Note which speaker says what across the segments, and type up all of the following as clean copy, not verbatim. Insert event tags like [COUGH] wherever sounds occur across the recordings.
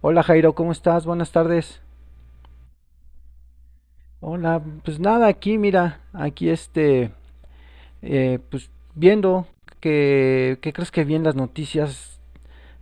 Speaker 1: Hola Jairo, ¿cómo estás? Buenas tardes. Hola, pues nada, aquí mira, aquí pues viendo ¿qué crees que vi en las noticias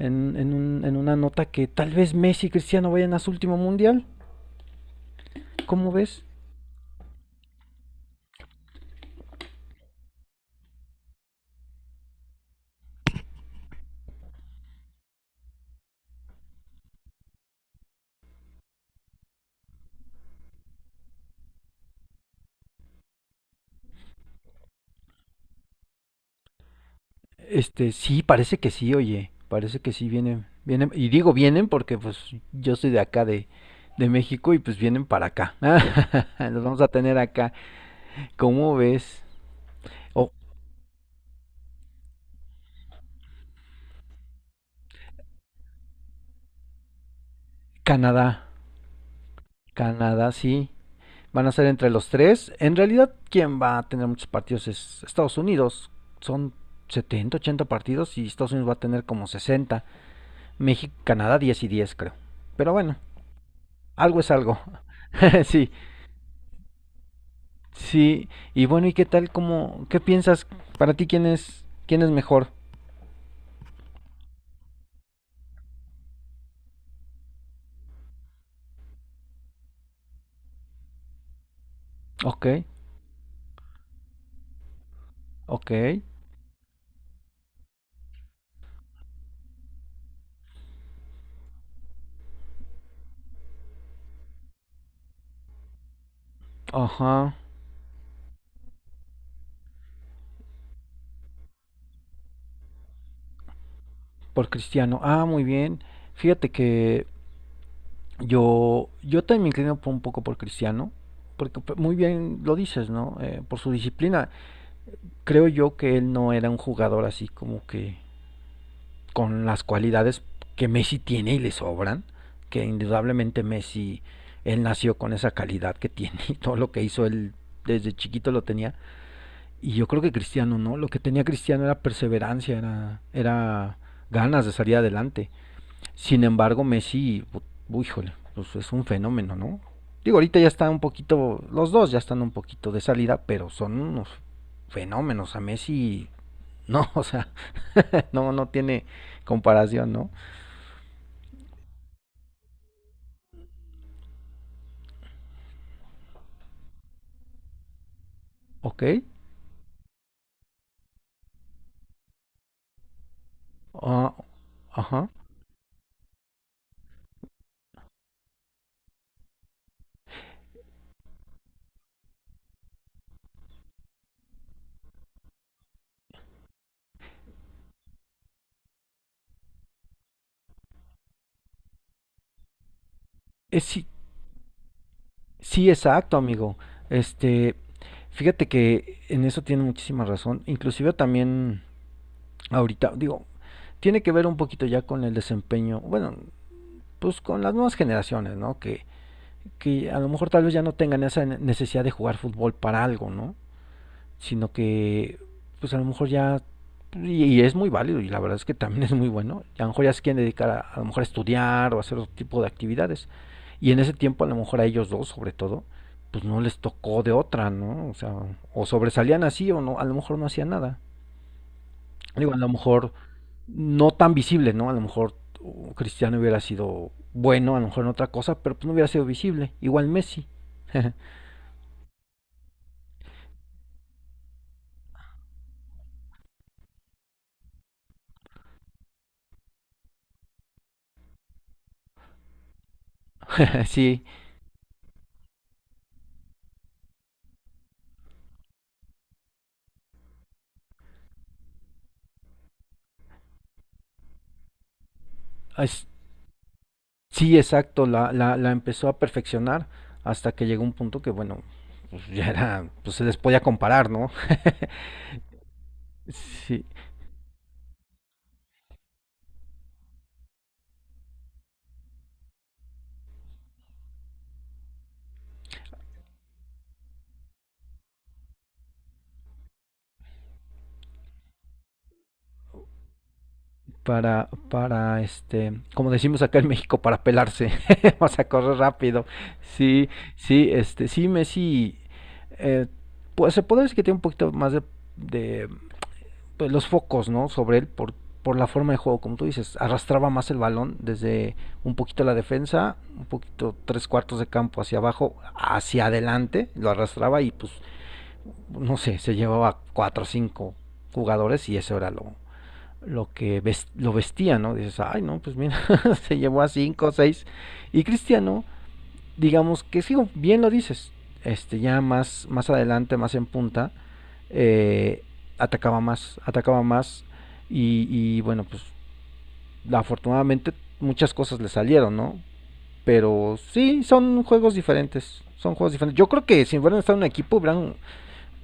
Speaker 1: en en una nota que tal vez Messi y Cristiano vayan a su último mundial? ¿Cómo ves? Sí, parece que sí, oye, parece que sí vienen, vienen, y digo vienen porque pues yo soy de acá de México y pues vienen para acá. [LAUGHS] Los vamos a tener acá. ¿Cómo ves? Oh, Canadá, Canadá, sí. Van a ser entre los tres. En realidad, quien va a tener muchos partidos es Estados Unidos. Son 70, 80 partidos y Estados Unidos va a tener como 60. México, Canadá, 10 y 10, creo. Pero bueno, algo es algo. [LAUGHS] Sí, sí. Y bueno, ¿y qué tal? ¿Qué piensas? Para ti, ¿quién es mejor? Ok, ok. Ajá, por Cristiano. Ah, muy bien. Fíjate que yo también me inclino un poco por Cristiano, porque pues, muy bien lo dices, ¿no? Por su disciplina. Creo yo que él no era un jugador así como que con las cualidades que Messi tiene y le sobran, que indudablemente Messi, él nació con esa calidad que tiene y todo lo que hizo él desde chiquito lo tenía. Y yo creo que Cristiano, ¿no? Lo que tenía Cristiano era perseverancia, era ganas de salir adelante. Sin embargo, Messi, híjole, pues es un fenómeno, ¿no? Digo, ahorita ya está un poquito, los dos ya están un poquito de salida, pero son unos fenómenos. A Messi, [LAUGHS] no, o sea, [LAUGHS] no, no tiene comparación, ¿no? Ok, ah, ajá. Sí, sí, exacto, amigo. Este, fíjate que en eso tiene muchísima razón. Inclusive también ahorita, digo, tiene que ver un poquito ya con el desempeño, bueno, pues con las nuevas generaciones, ¿no? Que a lo mejor tal vez ya no tengan esa necesidad de jugar fútbol para algo, ¿no? Sino que, pues a lo mejor ya, y es muy válido, y la verdad es que también es muy bueno, a lo mejor ya se quieren dedicar a lo mejor a estudiar o a hacer otro tipo de actividades. Y en ese tiempo a lo mejor a ellos dos, sobre todo, pues no les tocó de otra, ¿no? O sea, o sobresalían así o no, a lo mejor no hacían nada. Digo, a lo mejor no tan visible, ¿no? A lo mejor Cristiano hubiera sido bueno, a lo mejor en otra cosa, pero pues no hubiera sido visible. Igual Messi. [LAUGHS] [LAUGHS] Sí, es, sí, exacto, la empezó a perfeccionar hasta que llegó un punto que, bueno, pues ya era, pues se les podía comparar, ¿no? [LAUGHS] Sí, como decimos acá en México, para pelarse, [LAUGHS] vamos a correr rápido. Sí, sí, sí, Messi, eh, pues se puede decir que tiene un poquito más de pues, los focos, ¿no? Sobre él por la forma de juego, como tú dices, arrastraba más el balón desde un poquito la defensa, un poquito tres cuartos de campo hacia abajo, hacia adelante, lo arrastraba y pues, no sé, se llevaba cuatro o cinco jugadores y eso era lo que ves, lo vestía, ¿no? Dices, ay, no, pues mira, [LAUGHS] se llevó a cinco o seis. Y Cristiano, digamos que sí, bien lo dices, ya más adelante, más en punta, eh, atacaba más, atacaba más, y, bueno, pues afortunadamente muchas cosas le salieron, ¿no? Pero sí, son juegos diferentes, son juegos diferentes. Yo creo que si hubieran estado en un equipo, hubieran,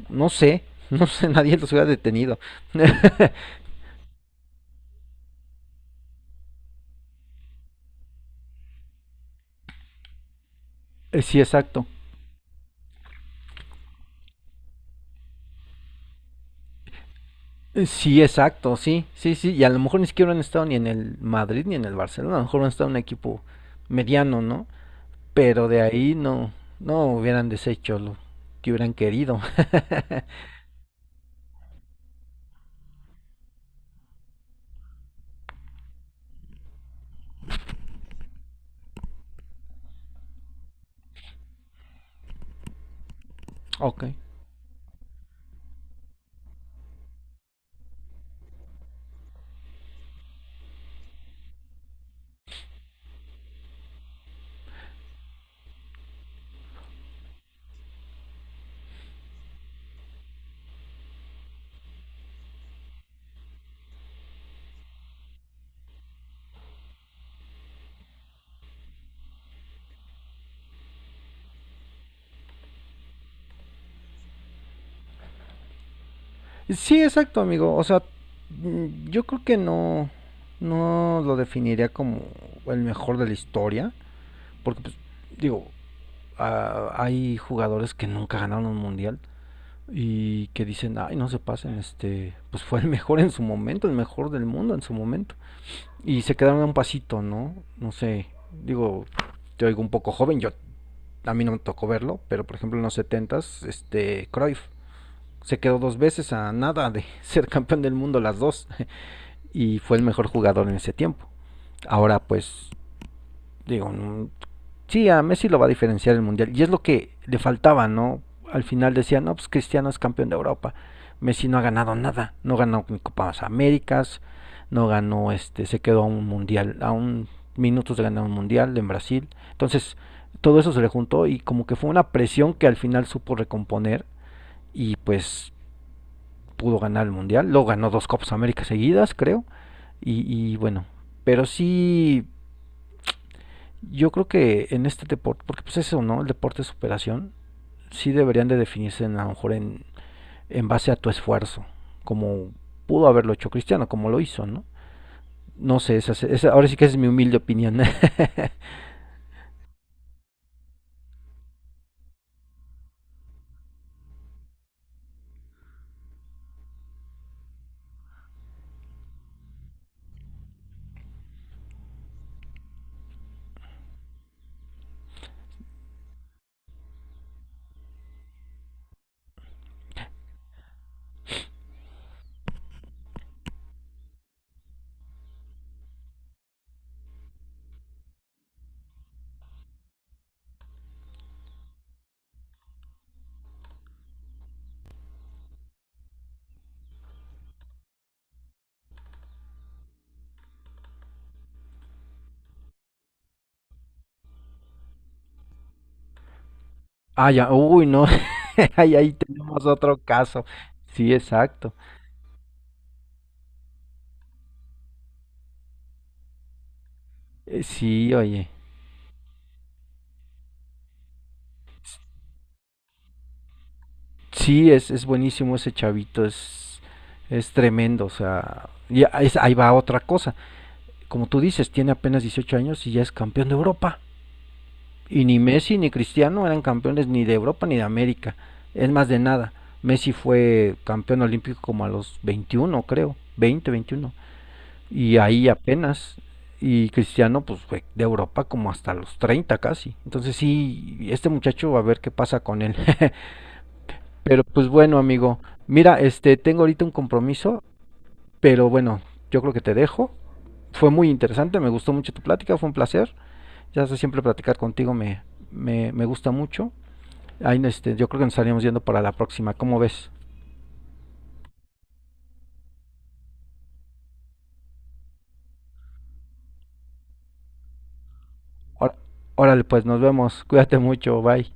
Speaker 1: no sé, [LAUGHS] no sé, nadie los hubiera detenido. [LAUGHS] Sí, exacto. Sí, exacto, sí, sí, sí. Y a lo mejor ni siquiera han estado ni en el Madrid ni en el Barcelona. A lo mejor han estado en un equipo mediano, ¿no? Pero de ahí no, no hubieran deshecho lo que hubieran querido. [LAUGHS] Ok. Sí, exacto, amigo. O sea, yo creo que no, no lo definiría como el mejor de la historia, porque pues, digo, ah, hay jugadores que nunca ganaron un mundial y que dicen, ay, no se pasen, pues fue el mejor en su momento, el mejor del mundo en su momento, y se quedaron a un pasito, ¿no? No sé, digo, te oigo un poco joven, yo, a mí no me tocó verlo, pero por ejemplo en los setentas, Cruyff se quedó dos veces a nada de [LAUGHS] ser campeón del mundo las dos, y fue el mejor jugador en ese tiempo. Ahora pues, digo, no, sí, a Messi lo va a diferenciar el Mundial y es lo que le faltaba, ¿no? Al final decían, no, pues Cristiano es campeón de Europa, Messi no ha ganado nada, no ganó ni Copas Américas, no ganó, se quedó a un Mundial, a un minutos de ganar un Mundial en Brasil. Entonces, todo eso se le juntó y como que fue una presión que al final supo recomponer y pues pudo ganar el Mundial. Lo ganó dos Copas Américas seguidas, creo. Y bueno, pero sí, yo creo que en este deporte, porque pues eso, ¿no? El deporte de superación, sí deberían de definirse en, a lo mejor en, base a tu esfuerzo, como pudo haberlo hecho Cristiano, como lo hizo, ¿no? No sé, ahora sí que esa es mi humilde opinión. [LAUGHS] Ah, ya, uy, no, [LAUGHS] ahí tenemos otro caso. Sí, exacto. Sí, oye. Sí, es buenísimo ese chavito, es tremendo, o sea, y ahí va otra cosa. Como tú dices, tiene apenas 18 años y ya es campeón de Europa. Y ni Messi ni Cristiano eran campeones ni de Europa ni de América. Es más, de nada. Messi fue campeón olímpico como a los 21, creo. 20, 21. Y ahí apenas. Y Cristiano, pues fue de Europa como hasta los 30 casi. Entonces sí, este muchacho, a ver qué pasa con él. [LAUGHS] Pero pues bueno, amigo. Mira, tengo ahorita un compromiso. Pero bueno, yo creo que te dejo. Fue muy interesante, me gustó mucho tu plática, fue un placer. Ya sé, siempre platicar contigo me gusta mucho. Ahí, yo creo que nos estaríamos yendo para la próxima. ¿Cómo ves? Or- Órale, pues nos vemos. [LAUGHS] Cuídate mucho. Bye.